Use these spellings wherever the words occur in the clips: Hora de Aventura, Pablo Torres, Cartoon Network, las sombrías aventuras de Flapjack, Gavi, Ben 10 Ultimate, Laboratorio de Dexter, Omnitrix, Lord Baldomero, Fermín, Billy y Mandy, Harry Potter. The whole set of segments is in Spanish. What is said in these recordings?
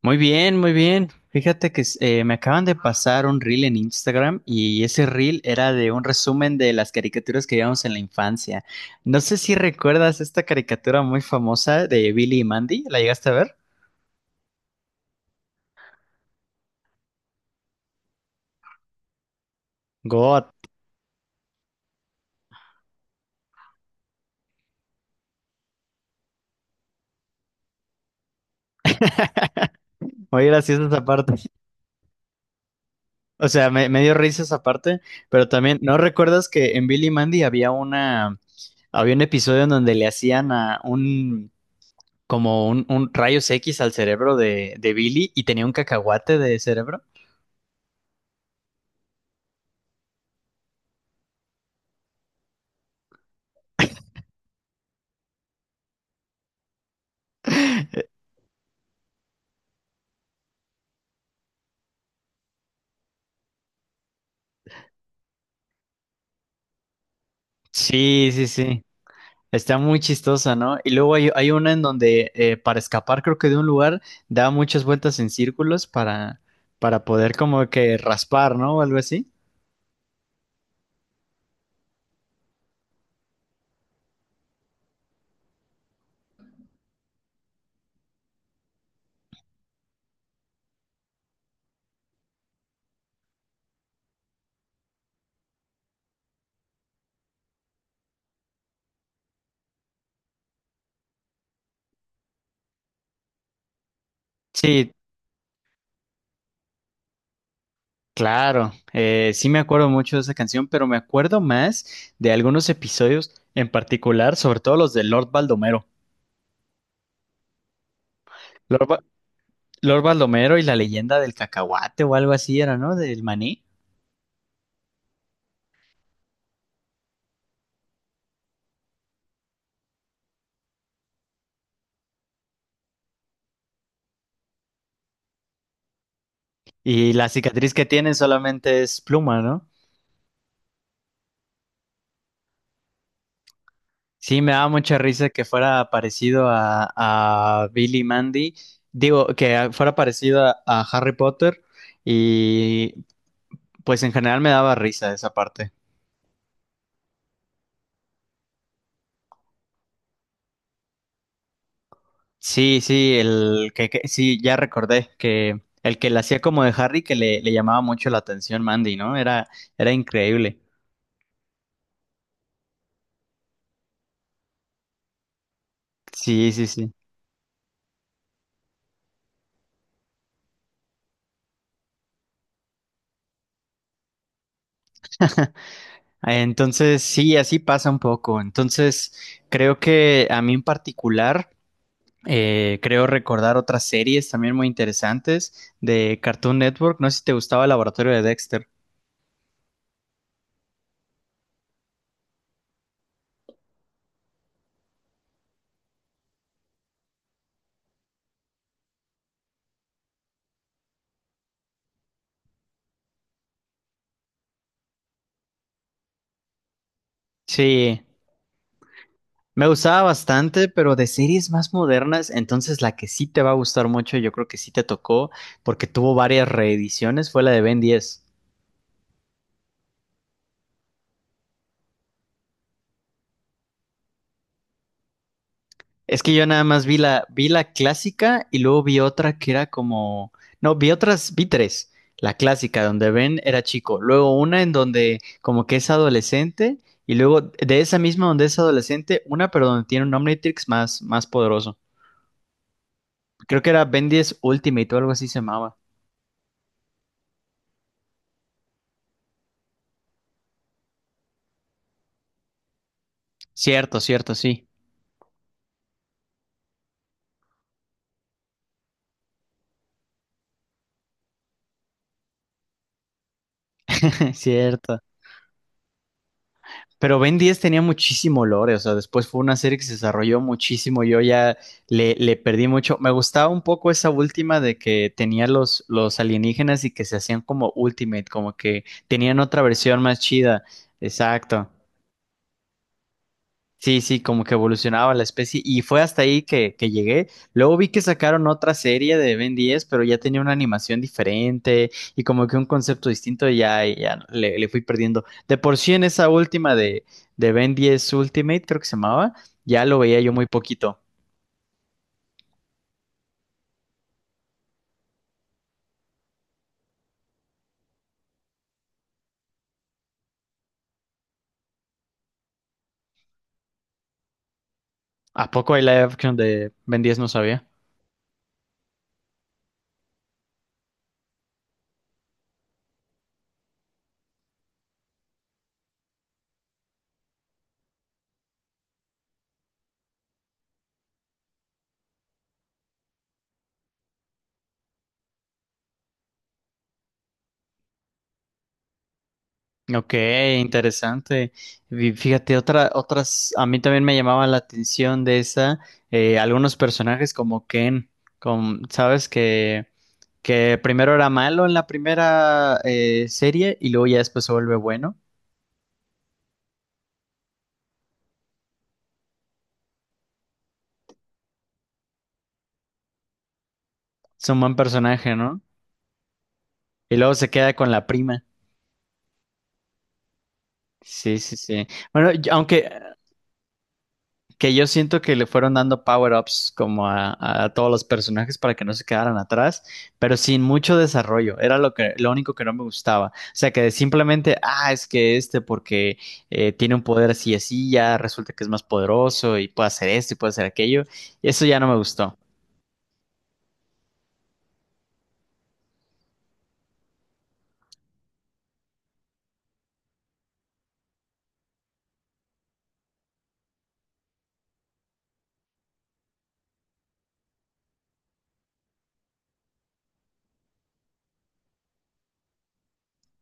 Muy bien, muy bien. Fíjate que me acaban de pasar un reel en Instagram y ese reel era de un resumen de las caricaturas que veíamos en la infancia. No sé si recuerdas esta caricatura muy famosa de Billy y Mandy, ¿la llegaste a ver? God, muy graciosa esa parte. O sea, me dio risa esa parte, pero también, ¿no recuerdas que en Billy y Mandy había una, había un episodio en donde le hacían a un, como un rayos X al cerebro de Billy y tenía un cacahuate de cerebro? Sí, sí, sí. Está muy chistosa, ¿no? Y luego hay, hay una en donde para escapar, creo que de un lugar, da muchas vueltas en círculos para poder como que raspar, ¿no? O algo así. Sí, claro. Sí me acuerdo mucho de esa canción, pero me acuerdo más de algunos episodios en particular, sobre todo los de Lord Baldomero. Lord, Ba- Lord Baldomero y la leyenda del cacahuate o algo así era, ¿no? Del maní. Y la cicatriz que tiene solamente es pluma, ¿no? Sí, me daba mucha risa que fuera parecido a Billy Mandy, digo, que fuera parecido a Harry Potter y pues en general me daba risa esa parte. Sí, sí, el sí, ya recordé que el que la hacía como de Harry que le llamaba mucho la atención Mandy, ¿no? Era, era increíble. Sí, sí, sí. Entonces, sí, así pasa un poco. Entonces, creo que a mí en particular. Creo recordar otras series también muy interesantes de Cartoon Network. No sé si te gustaba el Laboratorio de Dexter. Sí, me gustaba bastante, pero de series más modernas, entonces la que sí te va a gustar mucho, yo creo que sí te tocó, porque tuvo varias reediciones, fue la de Ben 10. Es que yo nada más vi vi la clásica y luego vi otra que era como. No, vi otras, vi tres. La clásica, donde Ben era chico. Luego una en donde como que es adolescente. Y luego de esa misma donde es adolescente, una pero donde tiene un Omnitrix más, más poderoso. Creo que era Ben 10 Ultimate o algo así se llamaba. Cierto, cierto, sí. Cierto. Pero Ben 10 tenía muchísimo lore, o sea, después fue una serie que se desarrolló muchísimo, yo ya le perdí mucho. Me gustaba un poco esa última de que tenía los alienígenas y que se hacían como Ultimate, como que tenían otra versión más chida. Exacto. Sí, sí, como que evolucionaba la especie y fue hasta ahí que llegué. Luego vi que sacaron otra serie de Ben 10, pero ya tenía una animación diferente y como que un concepto distinto y ya le fui perdiendo. De por sí en esa última de Ben 10 Ultimate, creo que se llamaba, ya lo veía yo muy poquito. ¿A poco hay live action de Ben 10? No sabía. Ok, interesante. Y fíjate, otra, otras, a mí también me llamaba la atención de esa, algunos personajes como Ken, con, sabes que primero era malo en la primera serie y luego ya después se vuelve bueno. Es un buen personaje, ¿no? Y luego se queda con la prima. Sí, sí, sí. Bueno, yo- aunque que yo siento que le fueron dando power-ups como a todos los personajes para que no se quedaran atrás, pero sin mucho desarrollo. Era lo que, lo único que no me gustaba. O sea, que simplemente, ah, es que este porque tiene un poder así y así, ya resulta que es más poderoso y puede hacer esto y puede hacer aquello. Eso ya no me gustó.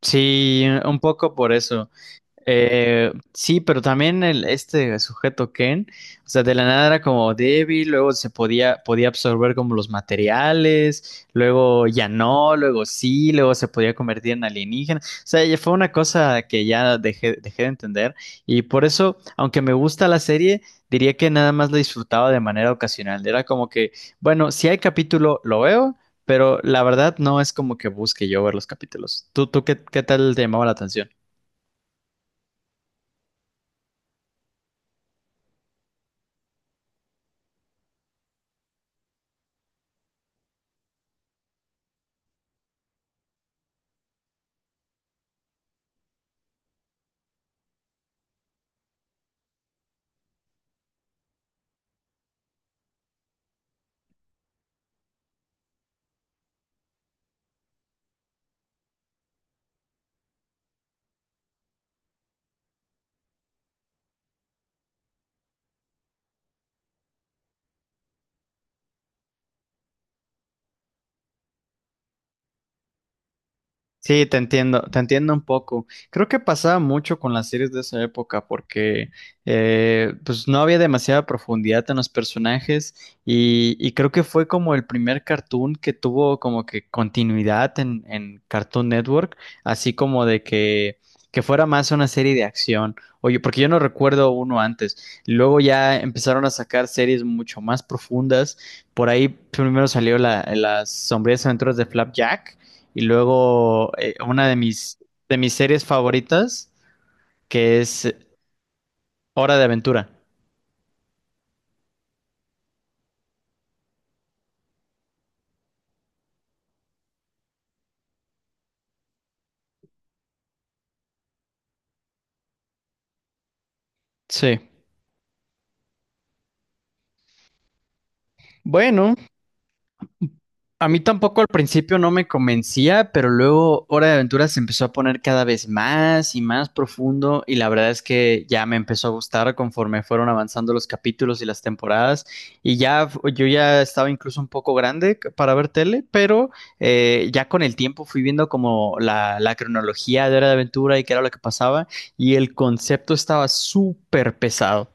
Sí, un poco por eso. Sí, pero también el, este sujeto Ken, o sea, de la nada era como débil, luego se podía, podía absorber como los materiales, luego ya no, luego sí, luego se podía convertir en alienígena. O sea, ya fue una cosa que ya dejé de entender y por eso, aunque me gusta la serie, diría que nada más la disfrutaba de manera ocasional. Era como que, bueno, si hay capítulo, lo veo, pero la verdad no es como que busque yo ver los capítulos. ¿Tú, tú qué, qué tal te llamaba la atención? Sí, te entiendo un poco. Creo que pasaba mucho con las series de esa época porque pues no había demasiada profundidad en los personajes y creo que fue como el primer cartoon que tuvo como que continuidad en Cartoon Network, así como de que fuera más una serie de acción. Oye, porque yo no recuerdo uno antes. Luego ya empezaron a sacar series mucho más profundas. Por ahí primero salió la, las sombrías aventuras de Flapjack y luego una de mis series favoritas, que es Hora de Aventura. Sí. Bueno, a mí tampoco al principio no me convencía, pero luego Hora de Aventura se empezó a poner cada vez más y más profundo y la verdad es que ya me empezó a gustar conforme fueron avanzando los capítulos y las temporadas y ya f- yo ya estaba incluso un poco grande c- para ver tele, pero ya con el tiempo fui viendo como la cronología de Hora de Aventura y qué era lo que pasaba y el concepto estaba súper pesado.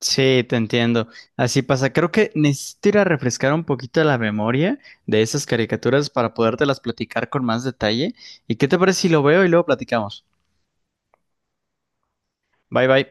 Sí, te entiendo. Así pasa. Creo que necesito ir a refrescar un poquito la memoria de esas caricaturas para podértelas platicar con más detalle. ¿Y qué te parece si lo veo y luego platicamos? Bye bye.